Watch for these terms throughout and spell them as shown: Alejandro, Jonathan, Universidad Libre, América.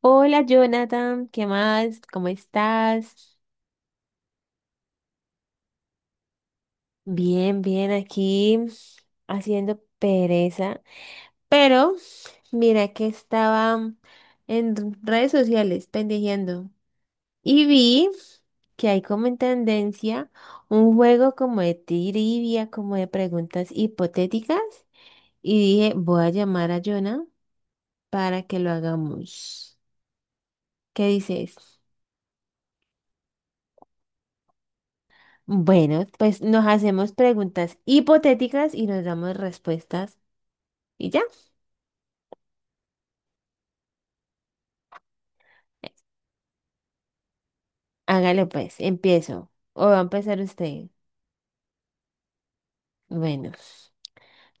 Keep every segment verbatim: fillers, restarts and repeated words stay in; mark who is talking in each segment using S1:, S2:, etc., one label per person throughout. S1: Hola Jonathan, ¿qué más? ¿Cómo estás? Bien, bien, aquí haciendo pereza. Pero mira que estaba en redes sociales pendejeando y vi que hay como en tendencia un juego como de trivia, como de preguntas hipotéticas y dije, voy a llamar a Jonah para que lo hagamos. ¿Qué dices? Bueno, pues nos hacemos preguntas hipotéticas y nos damos respuestas. ¿Y ya? Hágale pues, empiezo. O va a empezar usted. Bueno,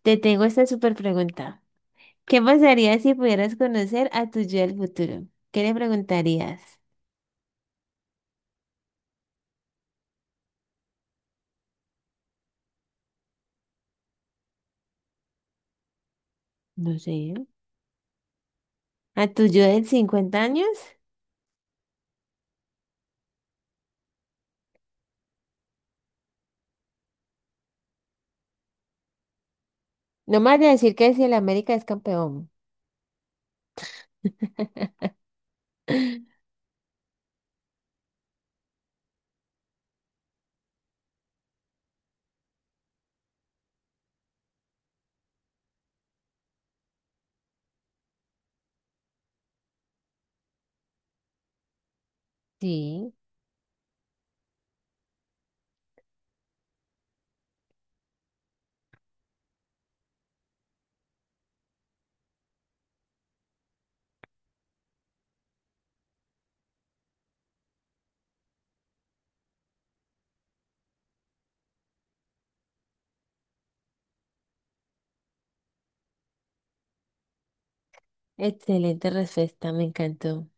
S1: te tengo esta super pregunta. ¿Qué pasaría si pudieras conocer a tu yo del futuro? ¿Qué le preguntarías? No sé. ¿A tu yo del cincuenta años? No más de decir que si el América es campeón. Sí, excelente respuesta, me encantó.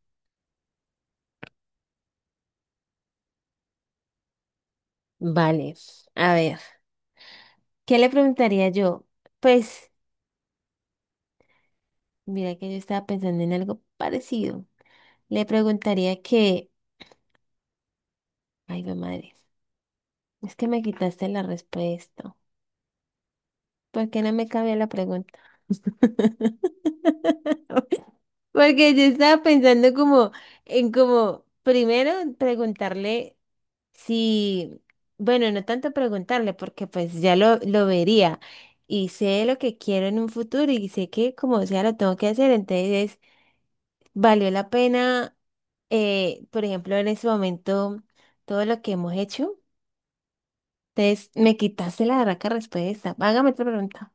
S1: Vale, a ver. ¿Qué le preguntaría yo? Pues, mira que yo estaba pensando en algo parecido. Le preguntaría que, ay, mi madre, es que me quitaste la respuesta. ¿Por qué no me cabía la pregunta? Porque yo estaba pensando como en como, primero preguntarle si, bueno, no tanto preguntarle, porque pues ya lo, lo vería y sé lo que quiero en un futuro y sé que como sea lo tengo que hacer, entonces valió la pena, eh, por ejemplo, en ese momento, todo lo que hemos hecho. Entonces, me quitaste la raca respuesta. Hágame otra pregunta.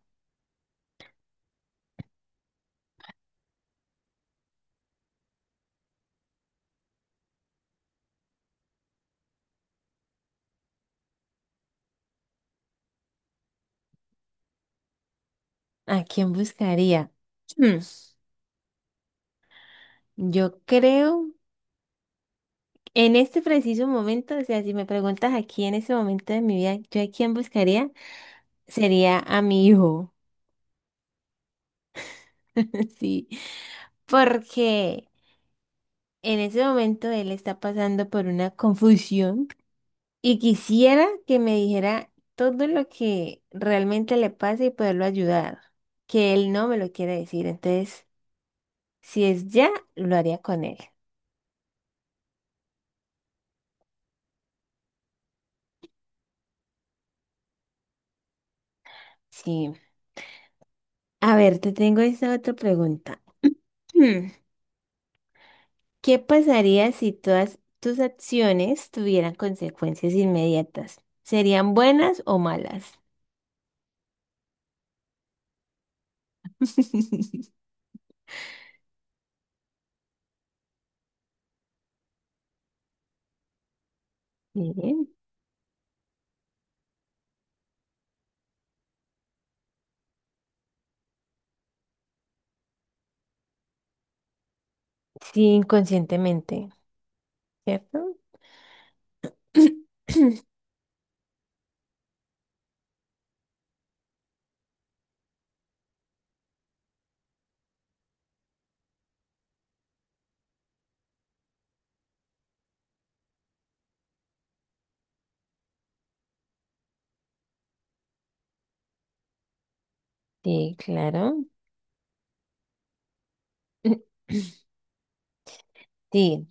S1: ¿A quién buscaría? Hmm, Yo creo, en este preciso momento, o sea, si me preguntas aquí en ese momento de mi vida, ¿yo a quién buscaría? Sería a mi hijo. Sí, porque en ese momento él está pasando por una confusión. Y quisiera que me dijera todo lo que realmente le pasa y poderlo ayudar, que él no me lo quiere decir. Entonces, si es ya, lo haría con él. Sí. A ver, te tengo esta otra pregunta. Hmm, ¿Qué pasaría si todas tus acciones tuvieran consecuencias inmediatas? ¿Serían buenas o malas? Sí, sí, inconscientemente, ¿cierto? Sí, claro. Sí.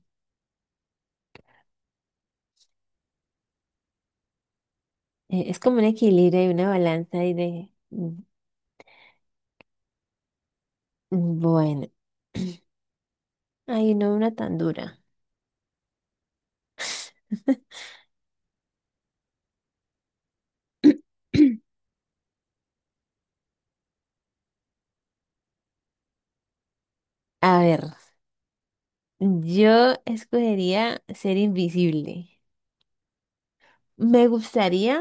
S1: Eh, es como un equilibrio y una balanza y de... mm, mm, bueno, ay, no una tan dura. A ver, yo escogería ser invisible. Me gustaría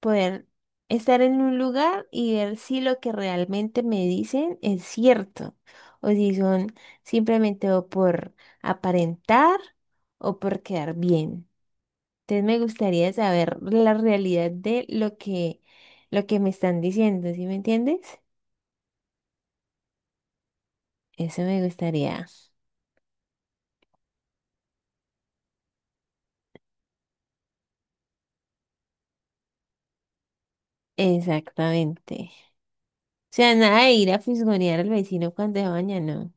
S1: poder estar en un lugar y ver si lo que realmente me dicen es cierto o si son simplemente o por aparentar o por quedar bien. Entonces me gustaría saber la realidad de lo que, lo que me están diciendo, ¿sí me entiendes? Eso me gustaría. Exactamente. O sea, nada de ir a fisgonear al vecino cuando se baña, no.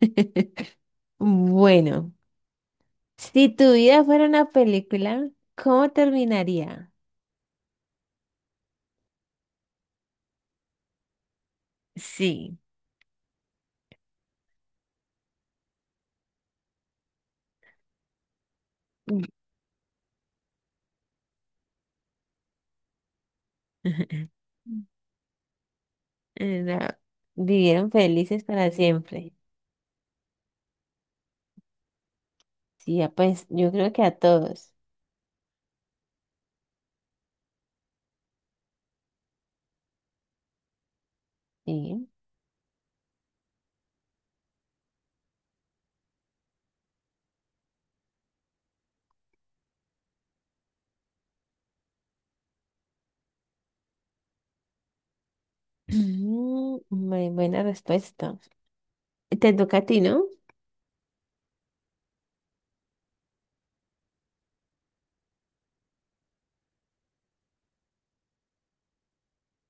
S1: Bueno, si tu vida fuera una película, ¿cómo terminaría? Sí. Eh, no, vivieron felices para siempre. Sí, ya pues yo creo que a todos. Sí. Muy buena respuesta. Te toca a ti, ¿no?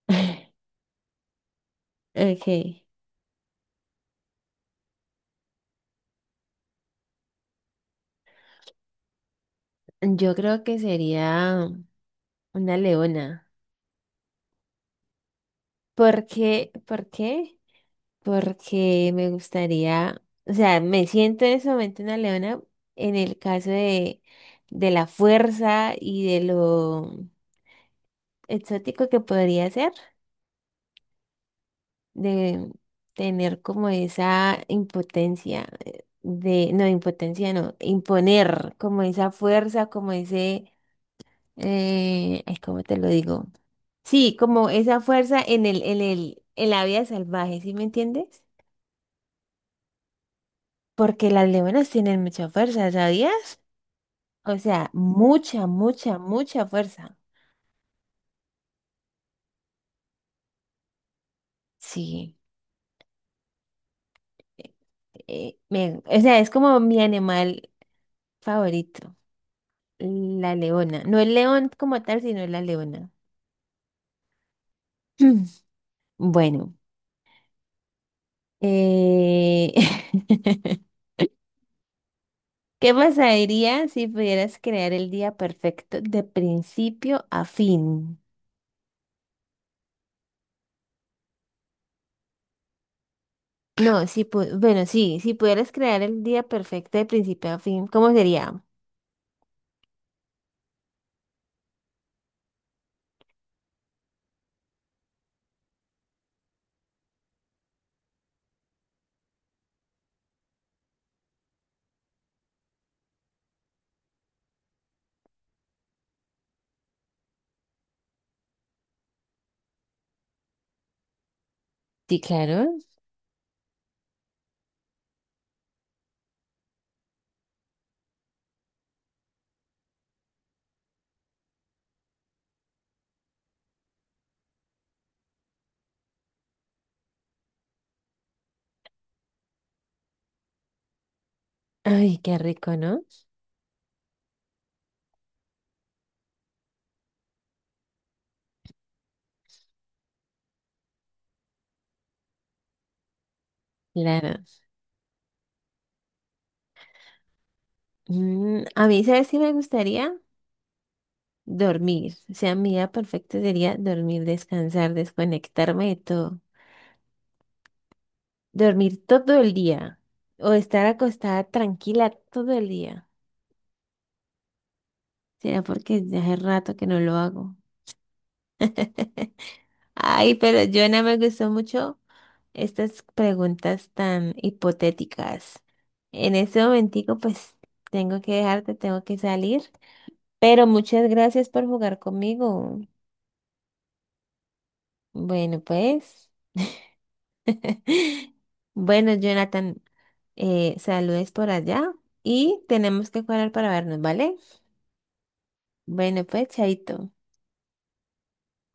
S1: Ok. Yo creo que sería una leona. ¿Por qué? ¿Por qué? Porque me gustaría, o sea, me siento en ese momento una leona en el caso de, de la fuerza y de lo exótico que podría ser, de tener como esa impotencia, eh, de, no, impotencia no, imponer como esa fuerza, como ese eh, ay, ¿cómo te lo digo? Sí, como esa fuerza en el, en el, en la vida salvaje, ¿sí me entiendes? Porque las leonas tienen mucha fuerza, ¿sabías? O sea, mucha, mucha, mucha fuerza. Sí. eh, eh, me- o sea, es como mi animal favorito, la leona. No el león como tal, sino la leona. Bueno, eh, ¿qué pasaría si pudieras crear el día perfecto de principio a fin? No, si pu- bueno, sí, si pudieras crear el día perfecto de principio a fin, ¿cómo sería? Sí, claro. Ay, qué rico, ¿no? Claro. Mm, a mí, ¿sabes si me gustaría? Dormir. O sea, mi día perfecto sería dormir, descansar, desconectarme de todo. Dormir todo el día. O estar acostada tranquila todo el día. Será porque ya hace rato que no lo hago. Ay, pero Joana, me gustó mucho estas preguntas tan hipotéticas. En este momentico, pues, tengo que dejarte, tengo que salir. Pero muchas gracias por jugar conmigo. Bueno, pues. Bueno, Jonathan, eh, saludes por allá y tenemos que cuadrar para vernos, ¿vale? Bueno, pues, chaito.